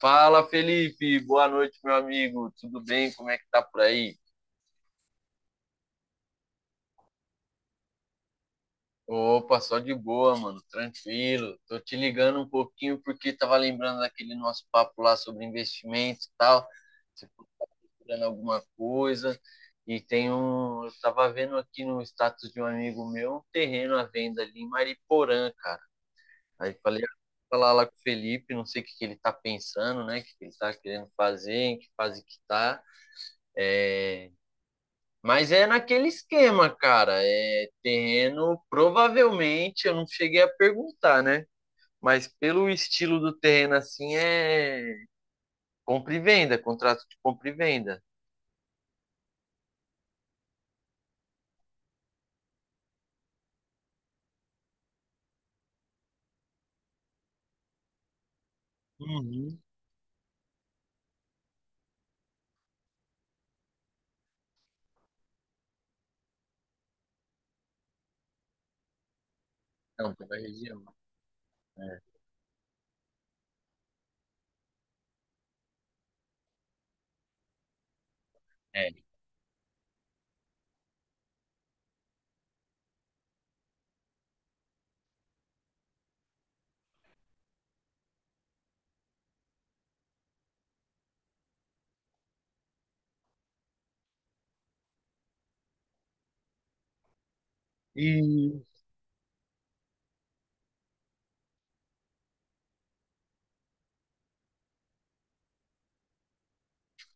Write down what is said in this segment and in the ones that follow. Fala, Felipe. Boa noite, meu amigo. Tudo bem? Como é que tá por aí? Opa, só de boa, mano. Tranquilo. Tô te ligando um pouquinho porque tava lembrando daquele nosso papo lá sobre investimento e tal. Você procurando alguma coisa. E tem um. Eu tava vendo aqui no status de um amigo meu um terreno à venda ali em Mariporã, cara. Aí falei, ah, vou falar lá com o Felipe, não sei o que que ele tá pensando, né? O que que ele tá querendo fazer, em que fase que tá. Mas é naquele esquema, cara. É terreno, provavelmente, eu não cheguei a perguntar, né? Mas pelo estilo do terreno assim é compra e venda, contrato de compra e venda. Uhum. Não, pela região. É, é. E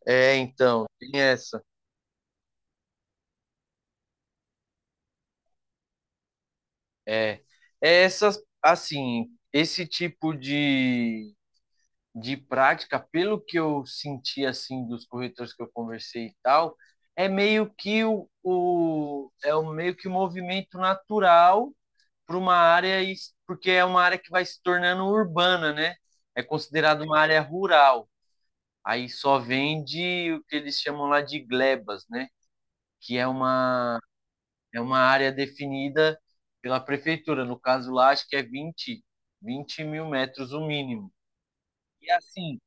É, então, tem essa. É, é essas, assim, esse tipo de prática, pelo que eu senti assim dos corretores que eu conversei e tal, é meio que o é um meio que um movimento natural para uma área porque é uma área que vai se tornando urbana, né? É considerado uma área rural. Aí só vende o que eles chamam lá de glebas, né? Que é uma área definida pela prefeitura. No caso lá, acho que é vinte mil metros o mínimo. E assim,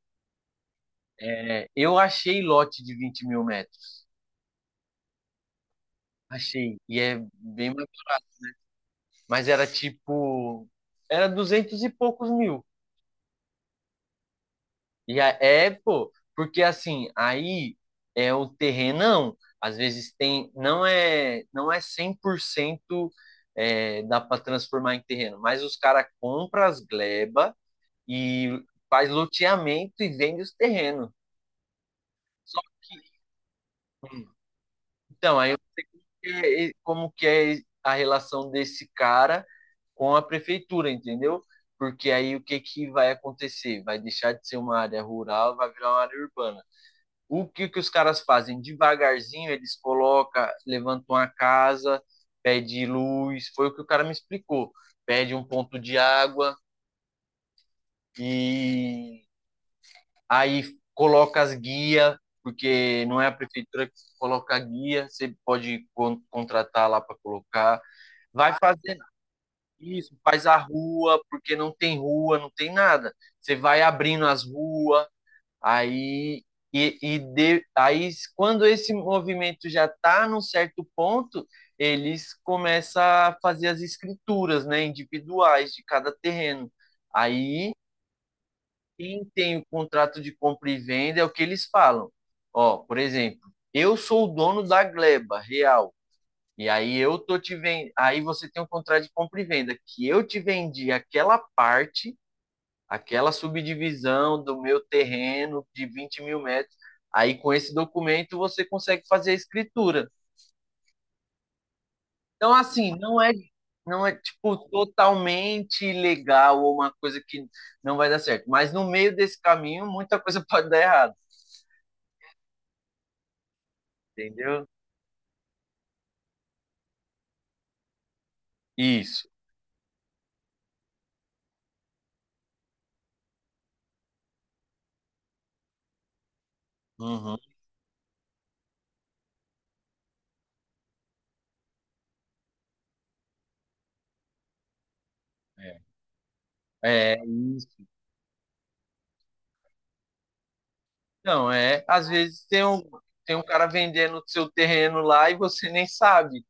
é, eu achei lote de 20 mil metros. Achei. E é bem. Mas era tipo. Era 200 e poucos mil. É, pô. Porque assim, aí é o terrenão. Às vezes tem. Não é 100% é, dá para transformar em terreno. Mas os caras compram as gleba e faz loteamento e vende os terrenos. Então, aí eu- é, é, como que é a relação desse cara com a prefeitura, entendeu? Porque aí o que que vai acontecer? Vai deixar de ser uma área rural, vai virar uma área urbana. O que que os caras fazem? Devagarzinho eles colocam, levantam a casa, pede luz, foi o que o cara me explicou. Pede um ponto de água e aí coloca as guias, porque não é a prefeitura que coloca a guia, você pode contratar lá para colocar. Vai fazer isso, faz a rua, porque não tem rua, não tem nada. Você vai abrindo as ruas, aí aí quando esse movimento já está num certo ponto, eles começam a fazer as escrituras, né, individuais de cada terreno. Aí quem tem o contrato de compra e venda é o que eles falam. Ó, por exemplo, eu sou o dono da gleba real. E aí eu tô te vendo, aí você tem um contrato de compra e venda que eu te vendi aquela parte, aquela subdivisão do meu terreno de 20 mil metros. Aí com esse documento você consegue fazer a escritura. Então assim, não é não é tipo totalmente legal ou uma coisa que não vai dar certo, mas no meio desse caminho muita coisa pode dar errado, entendeu? Isso. Uhum. É, é, não, é. Às vezes tem um cara vendendo o seu terreno lá e você nem sabe.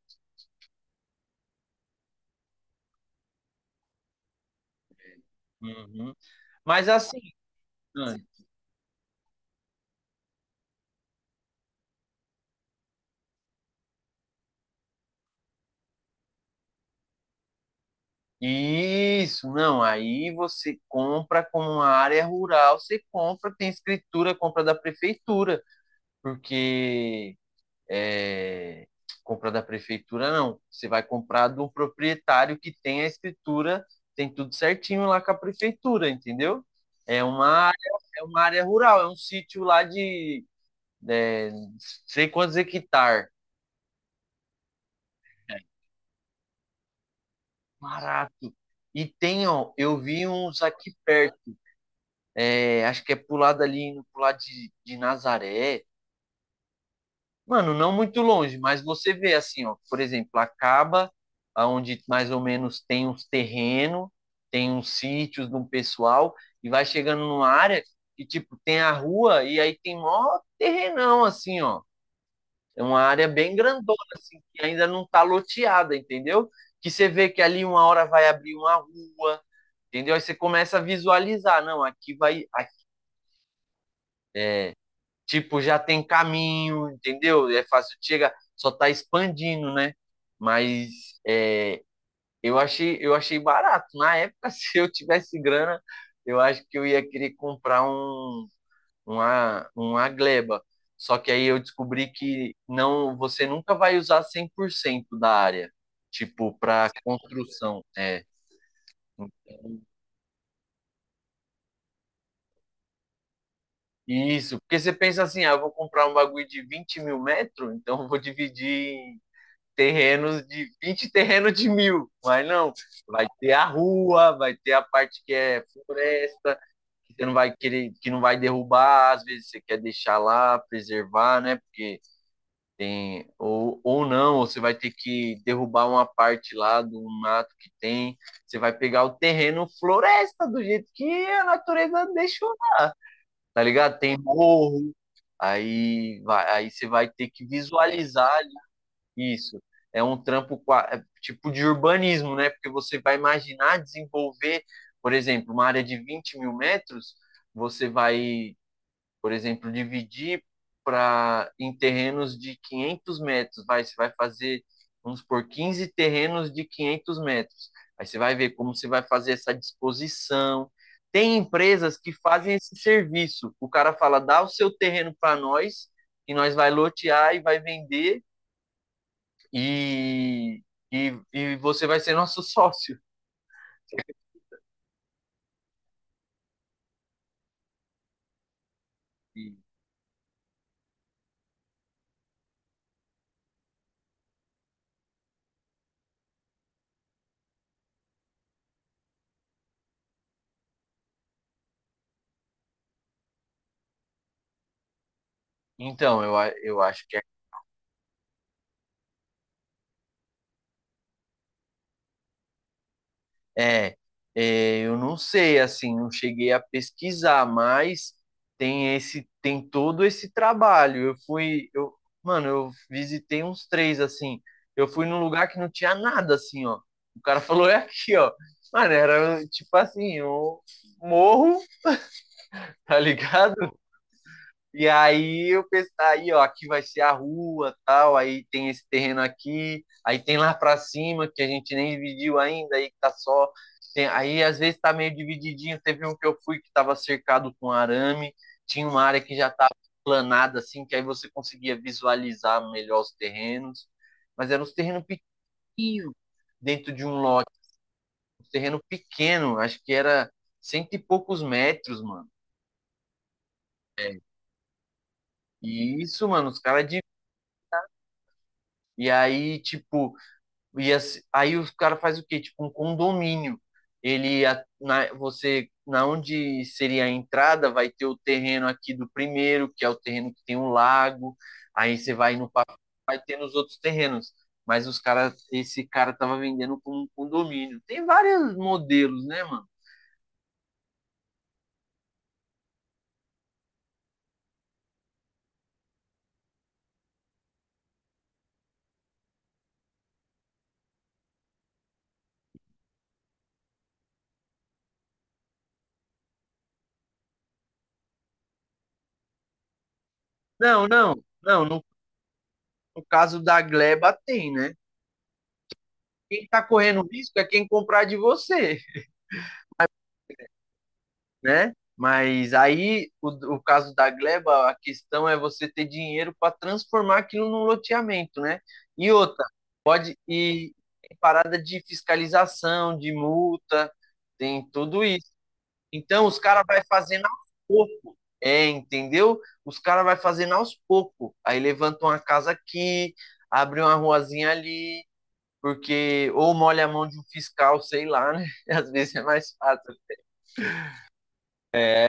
Uhum. Mas assim, Anne, isso, não. Aí você compra como uma área rural, você compra, tem escritura, compra da prefeitura, porque é, compra da prefeitura não. Você vai comprar do proprietário que tem a escritura, tem tudo certinho lá com a prefeitura, entendeu? É uma área, é uma área rural, é um sítio lá de é, sei quantos hectares. Barato. E tem, ó, eu vi uns aqui perto. É, acho que é pro lado ali, indo pro lado de Nazaré. Mano, não muito longe, mas você vê assim, ó, por exemplo, acaba aonde mais ou menos tem uns terrenos, tem uns sítios de um pessoal, e vai chegando numa área que, tipo, tem a rua e aí tem mó terrenão, assim, ó. É uma área bem grandona, assim, que ainda não está loteada, entendeu? Que você vê que ali uma hora vai abrir uma rua, entendeu? Aí você começa a visualizar, não, aqui vai, aqui, tipo, já tem caminho, entendeu? É fácil de chegar, só está expandindo, né? Mas é, eu achei barato. Na época, se eu tivesse grana, eu acho que eu ia querer comprar uma gleba. Só que aí eu descobri que não, você nunca vai usar 100% da área, tipo, para construção. É. Isso, porque você pensa assim, ah, eu vou comprar um bagulho de 20 mil metros, então eu vou dividir em terrenos de 20 terrenos de mil. Mas não, vai ter a rua, vai ter a parte que é floresta, que você não vai querer, que não vai derrubar, às vezes você quer deixar lá, preservar, né? Porque tem, ou não, ou você vai ter que derrubar uma parte lá do mato que tem. Você vai pegar o terreno floresta do jeito que a natureza deixou, tá ligado? Tem morro, aí, vai, aí você vai ter que visualizar isso. É um trampo é tipo de urbanismo, né? Porque você vai imaginar desenvolver, por exemplo, uma área de 20 mil metros, você vai por exemplo, dividir para em terrenos de 500 metros, vai, você vai fazer, vamos por 15 terrenos de 500 metros. Aí você vai ver como você vai fazer essa disposição. Tem empresas que fazem esse serviço. O cara fala, dá o seu terreno para nós, e nós vai lotear e vai vender, e, e você vai ser nosso sócio. E, então, eu acho que é, é, eu não sei, assim, não cheguei a pesquisar, mas tem esse, tem todo esse trabalho. Mano, eu visitei uns três, assim. Eu fui num lugar que não tinha nada, assim, ó. O cara falou, é aqui, ó. Mano, era tipo assim, um morro, tá ligado? E aí eu pensei, aí ó, aqui vai ser a rua, tal, aí tem esse terreno aqui, aí tem lá pra cima que a gente nem dividiu ainda, aí que tá só aí às vezes tá meio divididinho, teve um que eu fui que tava cercado com arame, tinha uma área que já tava planada assim, que aí você conseguia visualizar melhor os terrenos, mas eram uns terrenos pequenos dentro de um lote, um terreno pequeno, acho que era cento e poucos metros, mano. E isso, mano, os caras de e aí, tipo, e assim, aí os cara faz o quê? Tipo um condomínio. Você na onde seria a entrada vai ter o terreno aqui do primeiro, que é o terreno que tem um lago. Aí você vai no pa- vai ter nos outros terrenos. Mas os cara, esse cara tava vendendo como um condomínio. Tem vários modelos, né, mano? Não, não, não. No, no caso da Gleba tem, né? Quem tá correndo risco é quem comprar de você. Né? Mas aí, o caso da gleba, a questão é você ter dinheiro para transformar aquilo num loteamento, né? E outra, pode ir tem parada de fiscalização, de multa, tem tudo isso. Então, os caras vai fazendo aos poucos, é, entendeu? Os caras vai fazendo aos poucos. Aí levantam uma casa aqui, abre uma ruazinha ali, porque ou molha a mão de um fiscal, sei lá, né? Às vezes é mais fácil.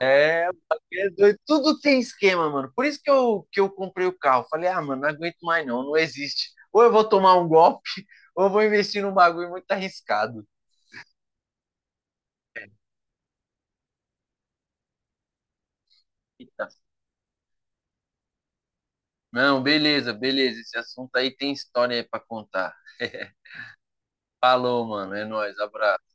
É, é doido, tudo tem esquema, mano. Por isso que eu comprei o carro. Falei, ah, mano, não aguento mais não, não existe. Ou eu vou tomar um golpe, ou eu vou investir num bagulho muito arriscado. Eita. Não, beleza, beleza. Esse assunto aí tem história aí pra contar. Falou, mano. É nóis, abraço.